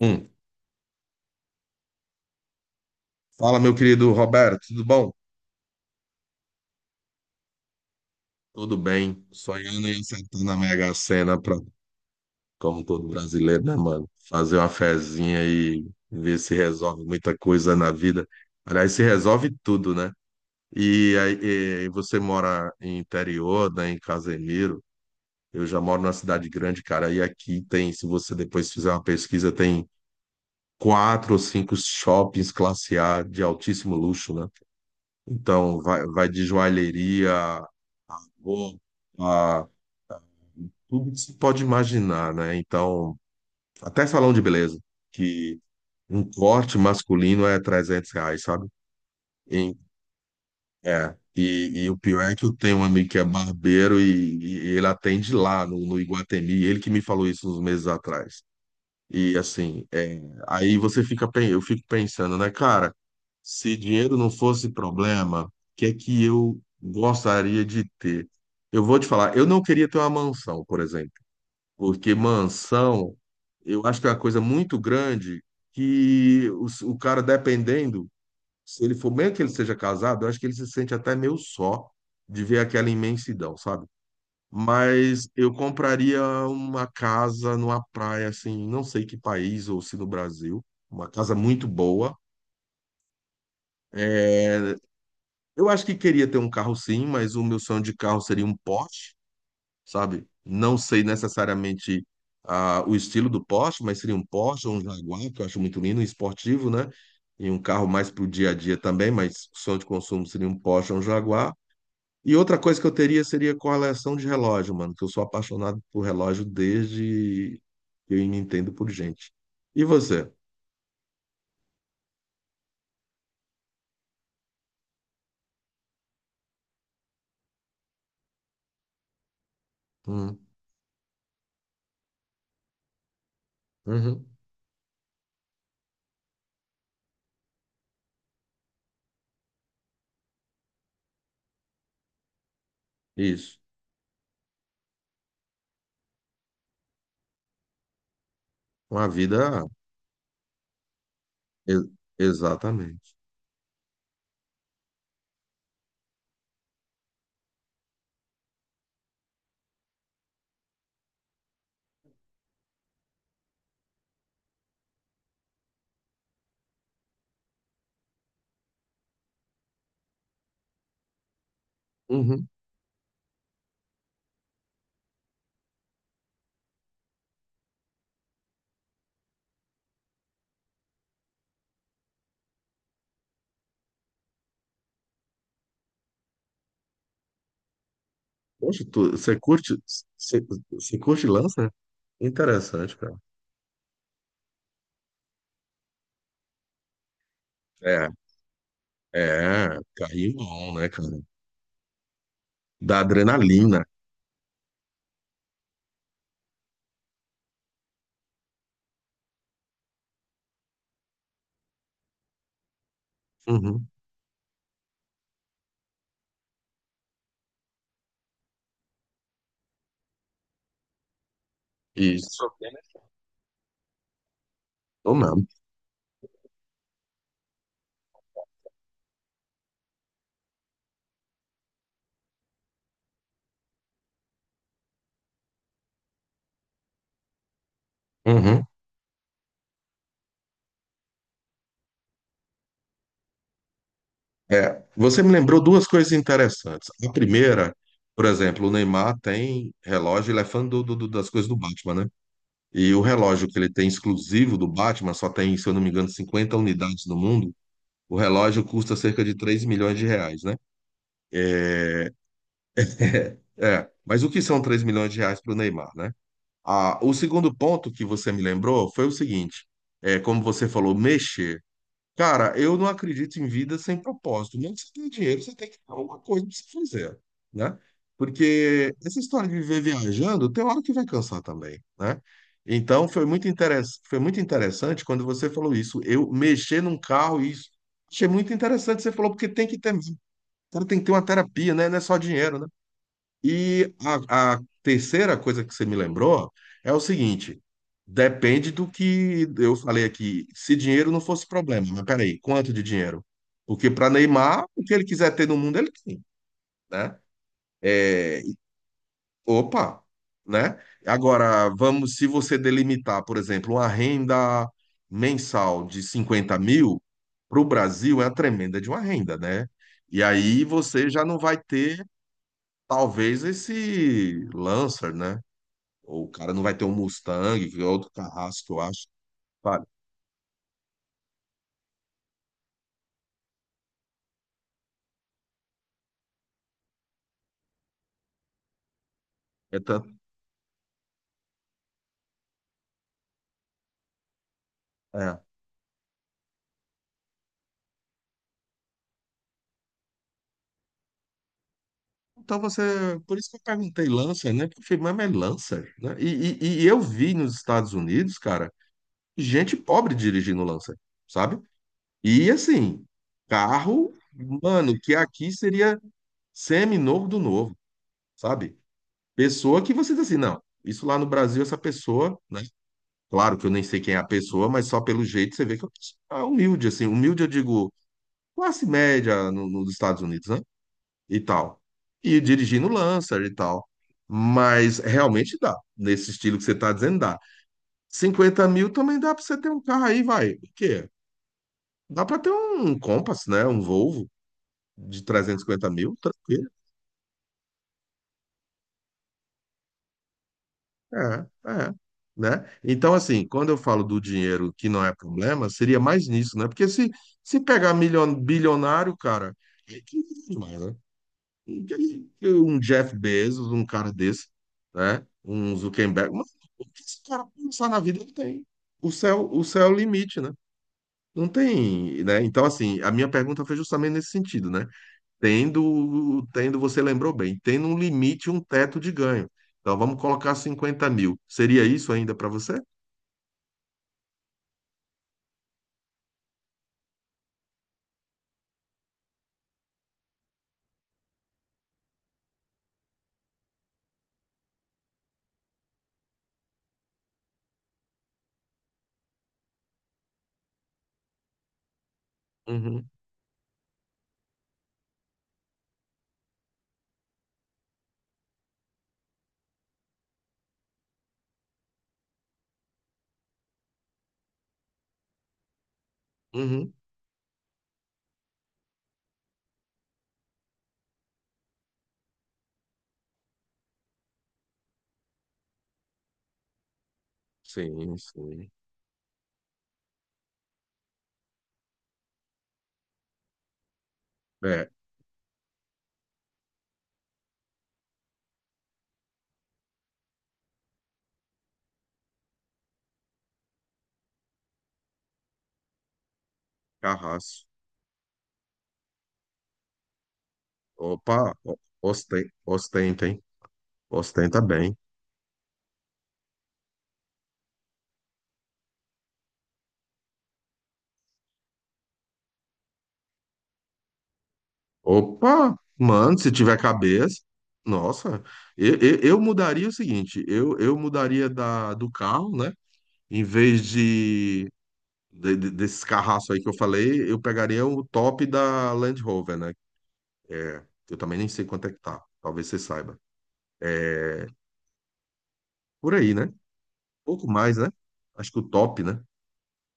Hum. Fala, meu querido Roberto, tudo bom? Tudo bem. Sonhando em acertar na Mega Sena, pra, como todo brasileiro, né, mano? Fazer uma fezinha e ver se resolve muita coisa na vida. Aliás, se resolve tudo, né? E aí, e você mora em interior, né, em Casemiro. Eu já moro numa cidade grande, cara. E aqui tem, se você depois fizer uma pesquisa, tem quatro ou cinco shoppings classe A de altíssimo luxo, né? Então, vai de joalheria. Vou a tudo que se pode imaginar, né? Então, até salão de beleza, que um corte masculino é R$ 300, sabe? Em- É. E o pior é que eu tenho um amigo que é barbeiro e ele atende lá no Iguatemi, ele que me falou isso uns meses atrás. E assim, é, aí você fica, eu fico pensando, né, cara, se dinheiro não fosse problema, o que é que eu gostaria de ter? Eu vou te falar, eu não queria ter uma mansão, por exemplo. Porque mansão, eu acho que é uma coisa muito grande que o cara, dependendo, se ele for, mesmo que ele seja casado, eu acho que ele se sente até meio só de ver aquela imensidão, sabe? Mas eu compraria uma casa numa praia, assim, não sei que país, ou se no Brasil, uma casa muito boa. É, eu acho que queria ter um carro sim, mas o meu sonho de carro seria um Porsche. Sabe? Não sei necessariamente ah, o estilo do Porsche, mas seria um Porsche ou um Jaguar, que eu acho muito lindo, um esportivo, né? E um carro mais para o dia a dia também, mas sonho de consumo seria um Porsche ou um Jaguar. E outra coisa que eu teria seria coleção de relógio, mano, que eu sou apaixonado por relógio desde que eu me entendo por gente. E você? Hum, uhum, isso. Uma vida. e- Exatamente. Uhum. Poxa, tu, você curte, você, você curte lança? Interessante, cara. É, é, carrinhão, né, cara? Da adrenalina. Uhum, isso, ou não. Uhum. É, você me lembrou duas coisas interessantes. A primeira, por exemplo, o Neymar tem relógio, ele é fã do, do- do- das coisas do Batman, né? E o relógio que ele tem exclusivo do Batman, só tem, se eu não me engano, 50 unidades no mundo. O relógio custa cerca de R$ 3 milhões, né? É, é. Mas o que são R$ 3 milhões para o Neymar, né? Ah, o segundo ponto que você me lembrou foi o seguinte: é, como você falou, mexer. Cara, eu não acredito em vida sem propósito. Mesmo que você tenha dinheiro, você tem que ter alguma coisa para você fazer, né? Porque essa história de viver viajando, tem hora que vai cansar também, né? Então, foi muito interessante quando você falou isso. Eu mexer num carro, isso. Achei muito interessante. Você falou, porque tem que ter, cara, tem que ter uma terapia, né? Não é só dinheiro, né? E a terceira coisa que você me lembrou é o seguinte: depende do que eu falei aqui. Se dinheiro não fosse problema, mas peraí, quanto de dinheiro? Porque para Neymar, o que ele quiser ter no mundo, ele tem, né? É, opa, né? Agora, vamos, se você delimitar, por exemplo, uma renda mensal de 50 mil, para o Brasil é a tremenda de uma renda, né? E aí você já não vai ter, talvez, esse Lancer, né? Ou o cara não vai ter um Mustang, que é outro carrasco que eu acho. Vale. É tanto, é. Então você. Por isso que eu perguntei Lancer, né? Porque eu falei, mas é Lancer, né? E eu vi nos Estados Unidos, cara, gente pobre dirigindo Lancer, sabe? E assim, carro, mano, que aqui seria semi-novo do novo, sabe? Pessoa que você diz assim, não, isso lá no Brasil, essa pessoa, né? Claro que eu nem sei quem é a pessoa, mas só pelo jeito você vê que é uma pessoa humilde, assim. Humilde, eu digo classe média nos Estados Unidos, né? E tal. E dirigindo Lancer e tal. Mas realmente dá. Nesse estilo que você está dizendo, dá. 50 mil também dá para você ter um carro aí, vai. O quê? Dá para ter um Compass, né? Um Volvo de 350 mil, tranquilo. É, é. Né? Então, assim, quando eu falo do dinheiro que não é problema, seria mais nisso, né? Porque se, se pegar bilionário, cara, é que é demais, né? E aí, um Jeff Bezos, um cara desse, né? Um Zuckerberg. Mas o que esse cara pensar na vida, ele tem. O céu é o limite, né? Não tem, né? Então, assim, a minha pergunta foi justamente nesse sentido, né? Tendo, você lembrou bem, tendo um limite, um teto de ganho. Então, vamos colocar 50 mil. Seria isso ainda para você? Uhum, uhum. Sim, sim. É, carrasco. Opa, ostenta, hein? Ostenta bem. Opa, mano, se tiver cabeça. Nossa, eu mudaria o seguinte: eu mudaria do carro, né? Em vez desses carraços aí que eu falei, eu pegaria o top da Land Rover, né? Eu também nem sei quanto é que tá. Talvez você saiba. É, por aí, né? Pouco mais, né? Acho que o top, né?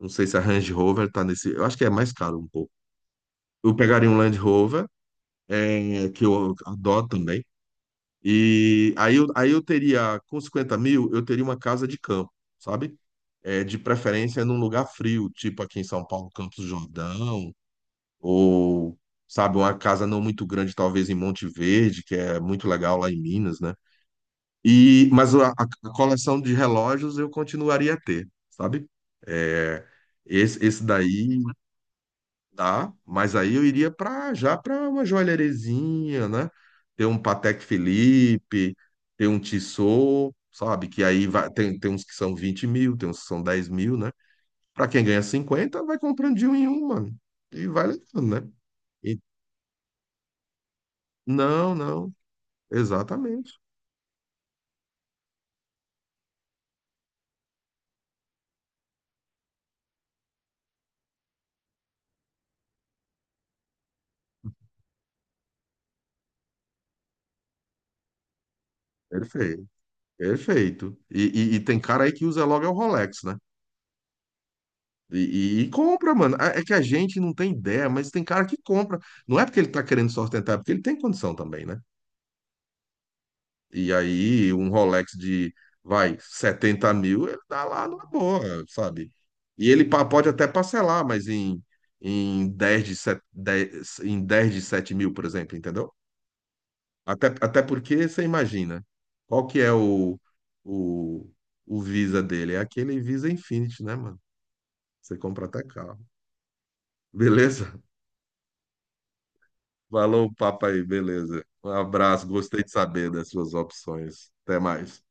Não sei se a Range Rover tá nesse. Eu acho que é mais caro um pouco. Eu pegaria um Land Rover, é, que eu adoro também. E aí eu teria, com 50 mil, eu teria uma casa de campo, sabe? É, de preferência num lugar frio, tipo aqui em São Paulo, Campos do Jordão, ou, sabe, uma casa não muito grande, talvez em Monte Verde, que é muito legal lá em Minas, né? E, mas a coleção de relógios eu continuaria a ter, sabe? É, esse daí dá, mas aí eu iria para já para uma joalherezinha, né? Ter um Patek Philippe, ter um Tissot, sabe? Que aí vai, tem uns que são 20 mil, tem uns que são 10 mil, né? Para quem ganha 50 vai comprando de um em um, mano. E vai levando, né? Não, não. Exatamente. Perfeito. Perfeito. E, e tem cara aí que usa logo é o Rolex, né? E, e compra, mano. É que a gente não tem ideia, mas tem cara que compra. Não é porque ele tá querendo se ostentar, é porque ele tem condição também, né? E aí, um Rolex de, vai, 70 mil, ele dá lá numa boa, sabe? E ele pode até parcelar, mas em, 10 de sete, dez em 10 de 7 mil, por exemplo, entendeu? Até, até porque você imagina, qual que é o, o Visa dele? É aquele Visa Infinity, né, mano? Você compra até carro. Beleza? Falou o papo aí, beleza. Um abraço, gostei de saber das suas opções. Até mais.